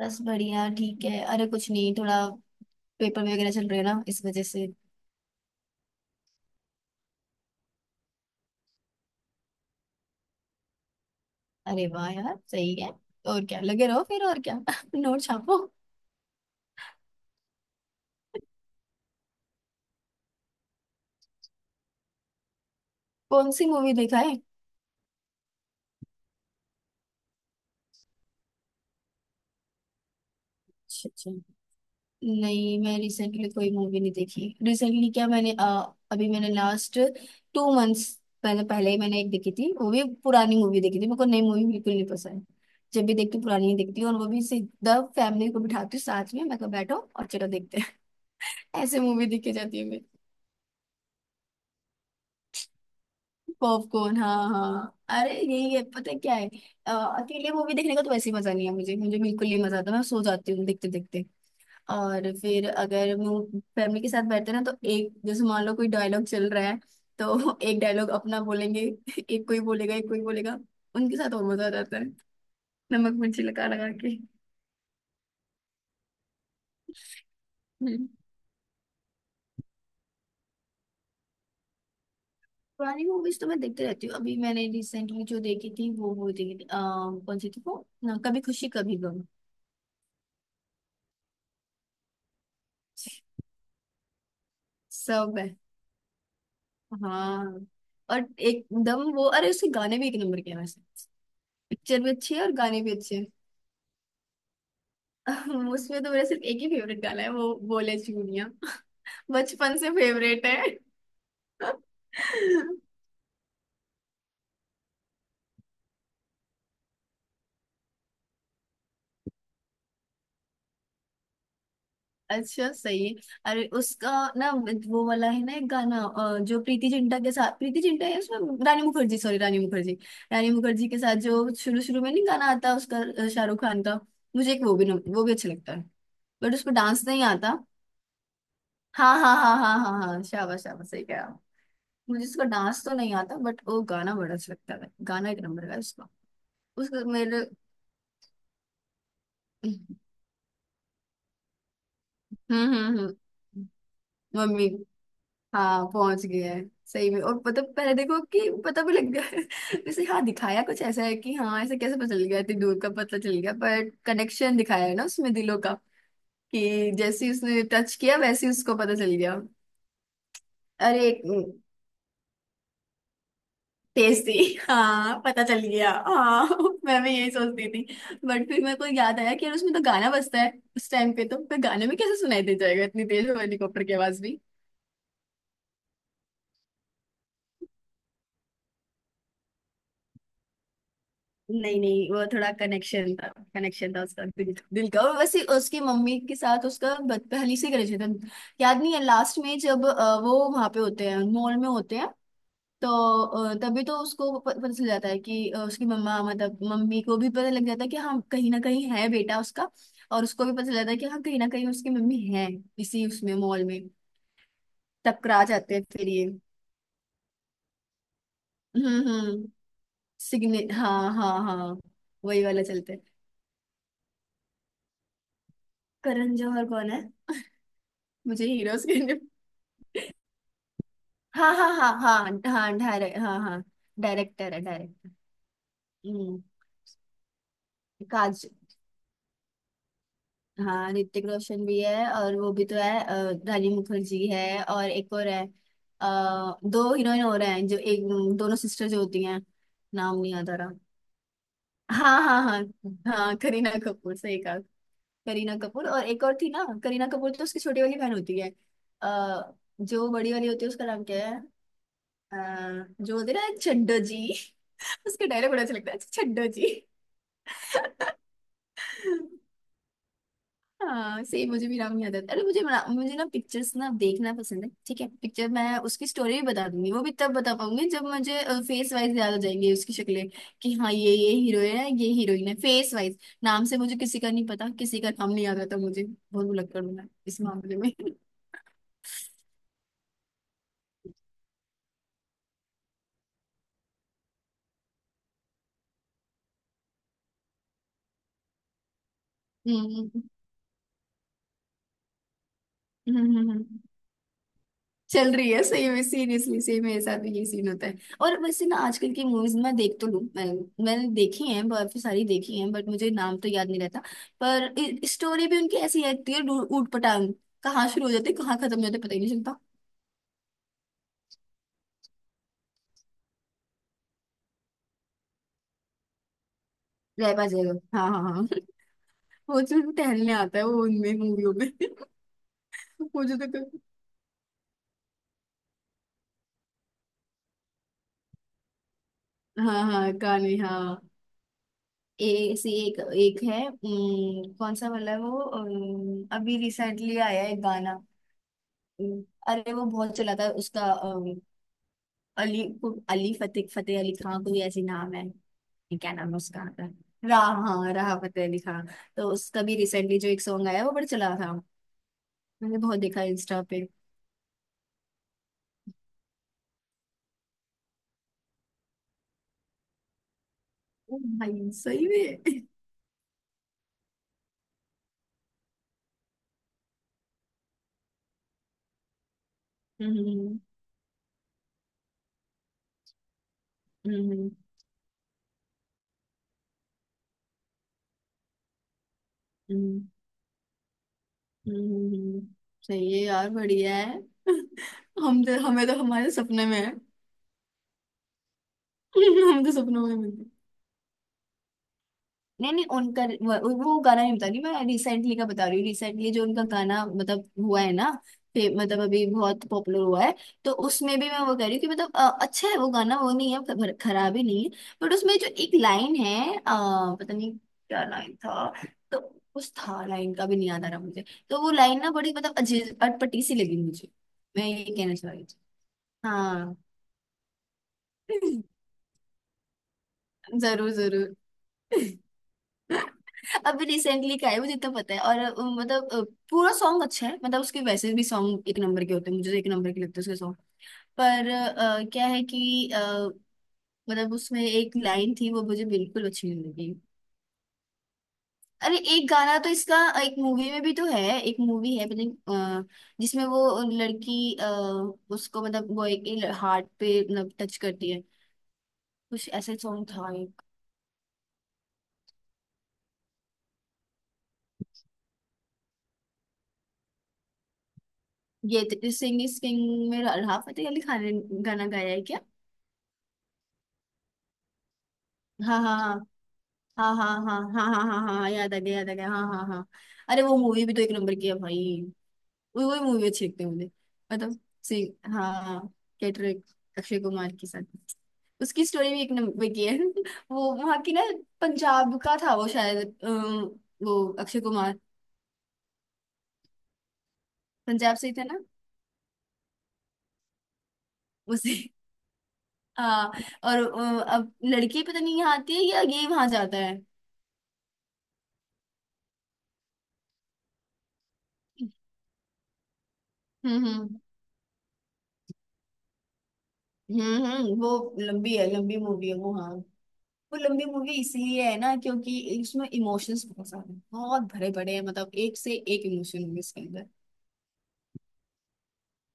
बस बढ़िया ठीक है। अरे कुछ नहीं, थोड़ा पेपर वगैरह चल रहे हैं ना, इस वजह से। अरे वाह यार, सही है। और क्या, लगे रहो फिर, और क्या। नोट छापो। कौन सी मूवी देखा है? अच्छा, अच्छा। नहीं, मैं रिसेंटली कोई मूवी नहीं देखी। रिसेंटली क्या मैंने, अभी मैंने लास्ट 2 मंथ्स पहले पहले ही मैंने एक देखी थी। वो भी पुरानी मूवी देखी थी। मेरे को नई मूवी बिल्कुल नहीं पसंद। जब भी देखती हूँ पुरानी ही देखती हूँ, और वो भी सीधा फैमिली को बिठाती हूँ साथ में। मैं कहा बैठो और चलो देखते हैं। ऐसे मूवी देखी जाती है। पॉपकॉर्न, हाँ हाँ, अरे यही है, पता है क्या है। अकेले मूवी देखने का तो वैसे ही मजा नहीं है मुझे मुझे बिल्कुल नहीं मजा आता, मैं सो जाती हूँ देखते देखते। और फिर अगर मैं फैमिली के साथ बैठते हैं ना, तो एक जैसे मान लो कोई डायलॉग चल रहा है, तो एक डायलॉग अपना बोलेंगे, एक कोई बोलेगा, एक कोई बोलेगा, उनके साथ और मजा आ जाता है। नमक मिर्ची लगा लगा के। हम्म। पुरानी मूवीज तो मैं देखते रहती हूँ। अभी मैंने रिसेंटली जो देखी थी, वो देखी थी, कौन सी थी वो ना, कभी खुशी कभी गम। सब। हाँ। और एकदम वो, अरे उसके गाने भी एक नंबर के हैं वैसे। पिक्चर भी अच्छी है और गाने भी अच्छे हैं। उसमें तो मेरा सिर्फ एक ही फेवरेट गाना है, वो बोले चूड़ियां। बचपन से फेवरेट है। अच्छा, सही है। अरे उसका ना, वो वाला है ना एक गाना, जो प्रीति जिंटा के साथ, प्रीति जिंटा है उसमें, रानी मुखर्जी, सॉरी रानी मुखर्जी, रानी मुखर्जी के साथ जो शुरू शुरू में नहीं गाना आता उसका, शाहरुख खान का। मुझे एक वो भी न, वो भी अच्छा लगता है। बट उस पर डांस नहीं आता। हाँ हाँ हाँ हाँ हाँ हाँ, शाबाश शाबाश, सही कह रहा हूँ। मुझे उसका डांस तो नहीं आता, बट वो गाना बड़ा अच्छा लगता है, गाना एक नंबर का है उसका। उसका मेरे। हम्म हम्म। मम्मी। हाँ पहुंच गए हैं, सही में। और पता पहले देखो कि, पता भी लग गया है। वैसे हाँ, दिखाया कुछ ऐसा है कि हाँ ऐसे कैसे पता चल गया, इतनी दूर का पता चल गया, बट कनेक्शन दिखाया है ना उसमें, दिलों का। कि जैसे ही उसने टच किया, वैसे ही उसको पता चल गया। अरे एक। तेज थी। हाँ पता चल गया, हाँ। मैं भी यही सोचती थी। बट फिर मेरे को याद आया कि यार, उसमें तो गाना बजता है, उस टाइम पे तो फिर गाने में कैसे सुनाई दे जाएगा इतनी तेज हेलीकॉप्टर की आवाज भी। नहीं नहीं, वो थोड़ा कनेक्शन था। कनेक्शन था उसका, दिल का। और वैसे उसकी मम्मी के साथ उसका पहली से कनेक्शन था। याद नहीं है लास्ट में जब, वो वहां पे होते हैं, मॉल में होते हैं, तो, तभी तो उसको पता चल जाता है कि, उसकी मम्मा मतलब मम्मी को भी पता लग जाता है कि हाँ कहीं ना कहीं है बेटा उसका, और उसको भी पता चल जाता है कि हाँ कहीं ना कहीं उसकी मम्मी है, इसी उसमें मॉल में। टकरा जाते हैं फिर ये। हम्म। सिग्ने हाँ हाँ हाँ, वही वाला चलते हैं। करण जौहर कौन है? मुझे हीरोज के name-। हाँ हाँ हाँ हाँ हाँ, डायरेक्ट हाँ हाँ, डायरेक्टर है, डायरेक्टर। हम्म। काज हाँ, ऋतिक रोशन भी है, और वो भी तो है, रानी मुखर्जी है, और एक और है, दो हीरोइन और हैं जो एक, दोनों सिस्टर जो होती हैं, नाम नहीं याद आ रहा। हाँ हाँ हाँ हाँ, करीना कपूर, सही कहा। करीना कपूर और एक और थी ना, करीना कपूर तो उसकी छोटी वाली बहन होती है। अ, जो बड़ी वाली होती है, उसका नाम क्या है? जो होती है ना, छड्डो जी। उसका डायलॉग बड़ा अच्छा लगता है, छड्डो जी। हाँ सही, मुझे भी नाम याद आता है। अरे मुझे ना पिक्चर्स ना देखना पसंद है। ठीक है, पिक्चर मैं उसकी स्टोरी भी बता दूंगी, वो भी तब बता पाऊंगी जब मुझे फेस वाइज याद हो जाएंगे उसकी शक्लें, कि हाँ ये हीरोइन है, ये हीरोइन है, फेस वाइज। नाम से मुझे किसी का नहीं पता, किसी का नाम नहीं याद आता मुझे। बहुत भुलक्कड़ हूँ मैं इस मामले में। हम्म हम्म हम्म, हम्म। चल रही है सही में, सीरियसली। सही, मेरे साथ भी यही सीन होता है। और वैसे ना, आजकल की मूवीज मैं देख तो लूँ, मैं, मैंने देखी हैं, काफी सारी देखी हैं, बट मुझे नाम तो याद नहीं रहता। पर स्टोरी भी उनकी ऐसी रहती है, ऊट ऊट पटांग, कहाँ शुरू हो जाती है कहाँ खत्म हो जाती है पता ही नहीं चलता। रहबा जयलो, हाँ हाँ हाँ। वो जो टहलने आता है, वो उनमें मूवियों में। वो जो तो। हाँ हाँ, गाने, हाँ। ऐसी एक एक है, कौन सा वाला है वो, अभी रिसेंटली आया है एक गाना। अरे वो बहुत चला था उसका, अली फतेह फतेह अली खां कोई ऐसी नाम है। क्या नाम है उसका आता है? राह। हाँ, राह फतेह अली खां। तो उसका भी रिसेंटली जो एक सॉन्ग आया वो बड़ा चला था। मैंने बहुत देखा इंस्टा पे। ओ भाई, सही में। हम्म हम्म हम्म हम्म, हम्म, हम्म, हम्म, हम्म। सही है यार, बढ़िया है। हम तो हमें तो हमारे सपने में है। हम तो सपनों में मिलते हैं। नहीं नहीं, उनका, वो गाना नहीं बता रही मैं, रिसेंटली का बता रही हूँ। रिसेंटली जो उनका गाना मतलब हुआ है ना, मतलब अभी बहुत पॉपुलर हुआ है, तो उसमें भी मैं वो कह रही हूँ कि मतलब, अच्छा है वो गाना, वो नहीं है खराब ही नहीं है, बट उसमें जो एक लाइन है, पता नहीं क्या लाइन था, तो उस था लाइन का भी नहीं याद आ रहा मुझे, तो वो लाइन ना बड़ी मतलब अजीब अटपटी सी लगी मुझे, मैं ये कहना चाह रही थी। हाँ। जरूर जरूर। अभी रिसेंटली का है, मुझे इतना पता है। और मतलब, पूरा सॉन्ग अच्छा है, मतलब उसके वैसे भी सॉन्ग एक नंबर के होते हैं, मुझे तो एक नंबर के लगते हैं उसके सॉन्ग। पर क्या है कि, मतलब उसमें एक लाइन थी वो मुझे बिल्कुल अच्छी नहीं लगी। अरे एक गाना तो इसका एक मूवी में भी तो है। एक मूवी है पता नहीं, जिसमें वो लड़की, उसको मतलब वो एक हार्ट पे मतलब टच करती है, कुछ ऐसा सॉन्ग था एक। ये सिंग इज किंग में राहत फतेह अली खान ने गाना गाया है क्या? हाँ हाँ हाँ हाँ हाँ हाँ हाँ हाँ हाँ हाँ हाँ, याद आ गया, याद आ गया, हाँ हाँ हाँ। अरे वो मूवी भी तो एक नंबर की है भाई। वही वही मूवी अच्छी लगती है मुझे। मतलब। सी। हाँ। कैटरेक, अक्षय कुमार के साथ। उसकी स्टोरी भी एक नंबर की है। वो वहाँ की ना, पंजाब का था वो शायद, वो अक्षय कुमार। पंजाब से ही था ना। उसे। हाँ। और अब लड़की पता नहीं यहाँ आती है या ये वहां जाता है। हम्म हम्म वो लंबी है, लंबी मूवी है वो, हाँ। वो लंबी मूवी इसलिए है ना, क्योंकि इसमें इमोशंस बहुत सारे हैं, बहुत भरे पड़े हैं, मतलब एक से एक इमोशन है इसके अंदर।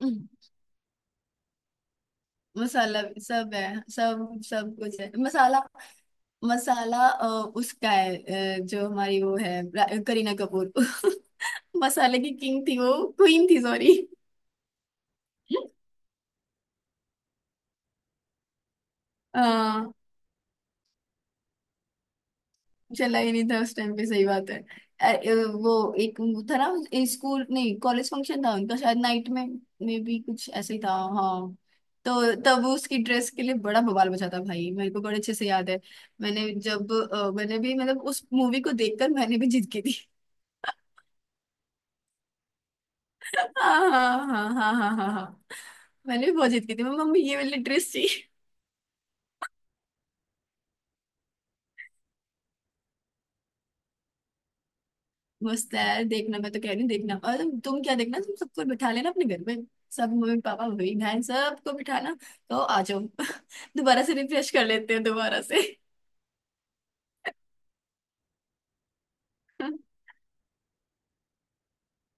हम्म, मसाला भी सब है, सब सब कुछ है मसाला। मसाला, उसका है, जो हमारी वो है, करीना कपूर। मसाले की किंग थी वो, क्वीन थी, सॉरी। चला ही नहीं था उस टाइम पे, सही बात है। अ- अ, वो, एक वो था ना, स्कूल नहीं कॉलेज फंक्शन था उनका शायद नाइट में भी कुछ ऐसे ही था, हाँ, तो, तब उसकी ड्रेस के लिए बड़ा बवाल मचा था भाई, मेरे को बड़े अच्छे से याद है। मैंने भी मतलब उस मूवी को देखकर मैंने भी जिद की थी। हाँ हाँ हाँ हाँ हाँ हाँ हाँ। मैंने भी बहुत जिद की थी, मम्मी ये वाली ड्रेस चाहिए। मस्त है, देखना, मैं तो कह रही हूँ देखना। और तुम क्या, देखना तुम सबको बिठा लेना अपने घर में, सब मम्मी पापा भाई बहन सबको बिठाना, तो आ जाओ। दोबारा से रिफ्रेश कर लेते हैं दोबारा से।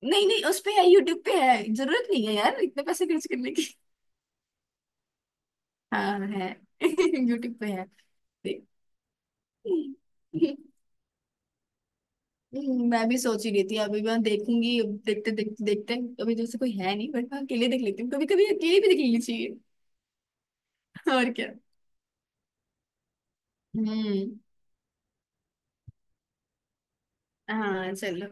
नहीं नहीं, उस पे है, यूट्यूब पे है, जरूरत नहीं है यार इतने पैसे खर्च करने की। हाँ है। यूट्यूब पे है। देख। मैं भी सोच ही रही थी, अभी मैं देखूंगी, देखते देखते देखते। अभी जैसे कोई है नहीं, बट मैं अकेले देख लेती हूँ, कभी कभी अकेले भी देख लेनी चाहिए। और क्या। हम्म। हाँ चलो।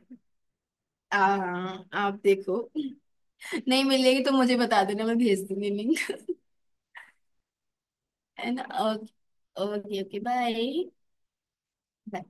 हाँ आप देखो। नहीं मिलेगी तो मुझे बता देना, मैं भेज दूंगी लिंक। है ना। ओके। Okay, okay. बाय।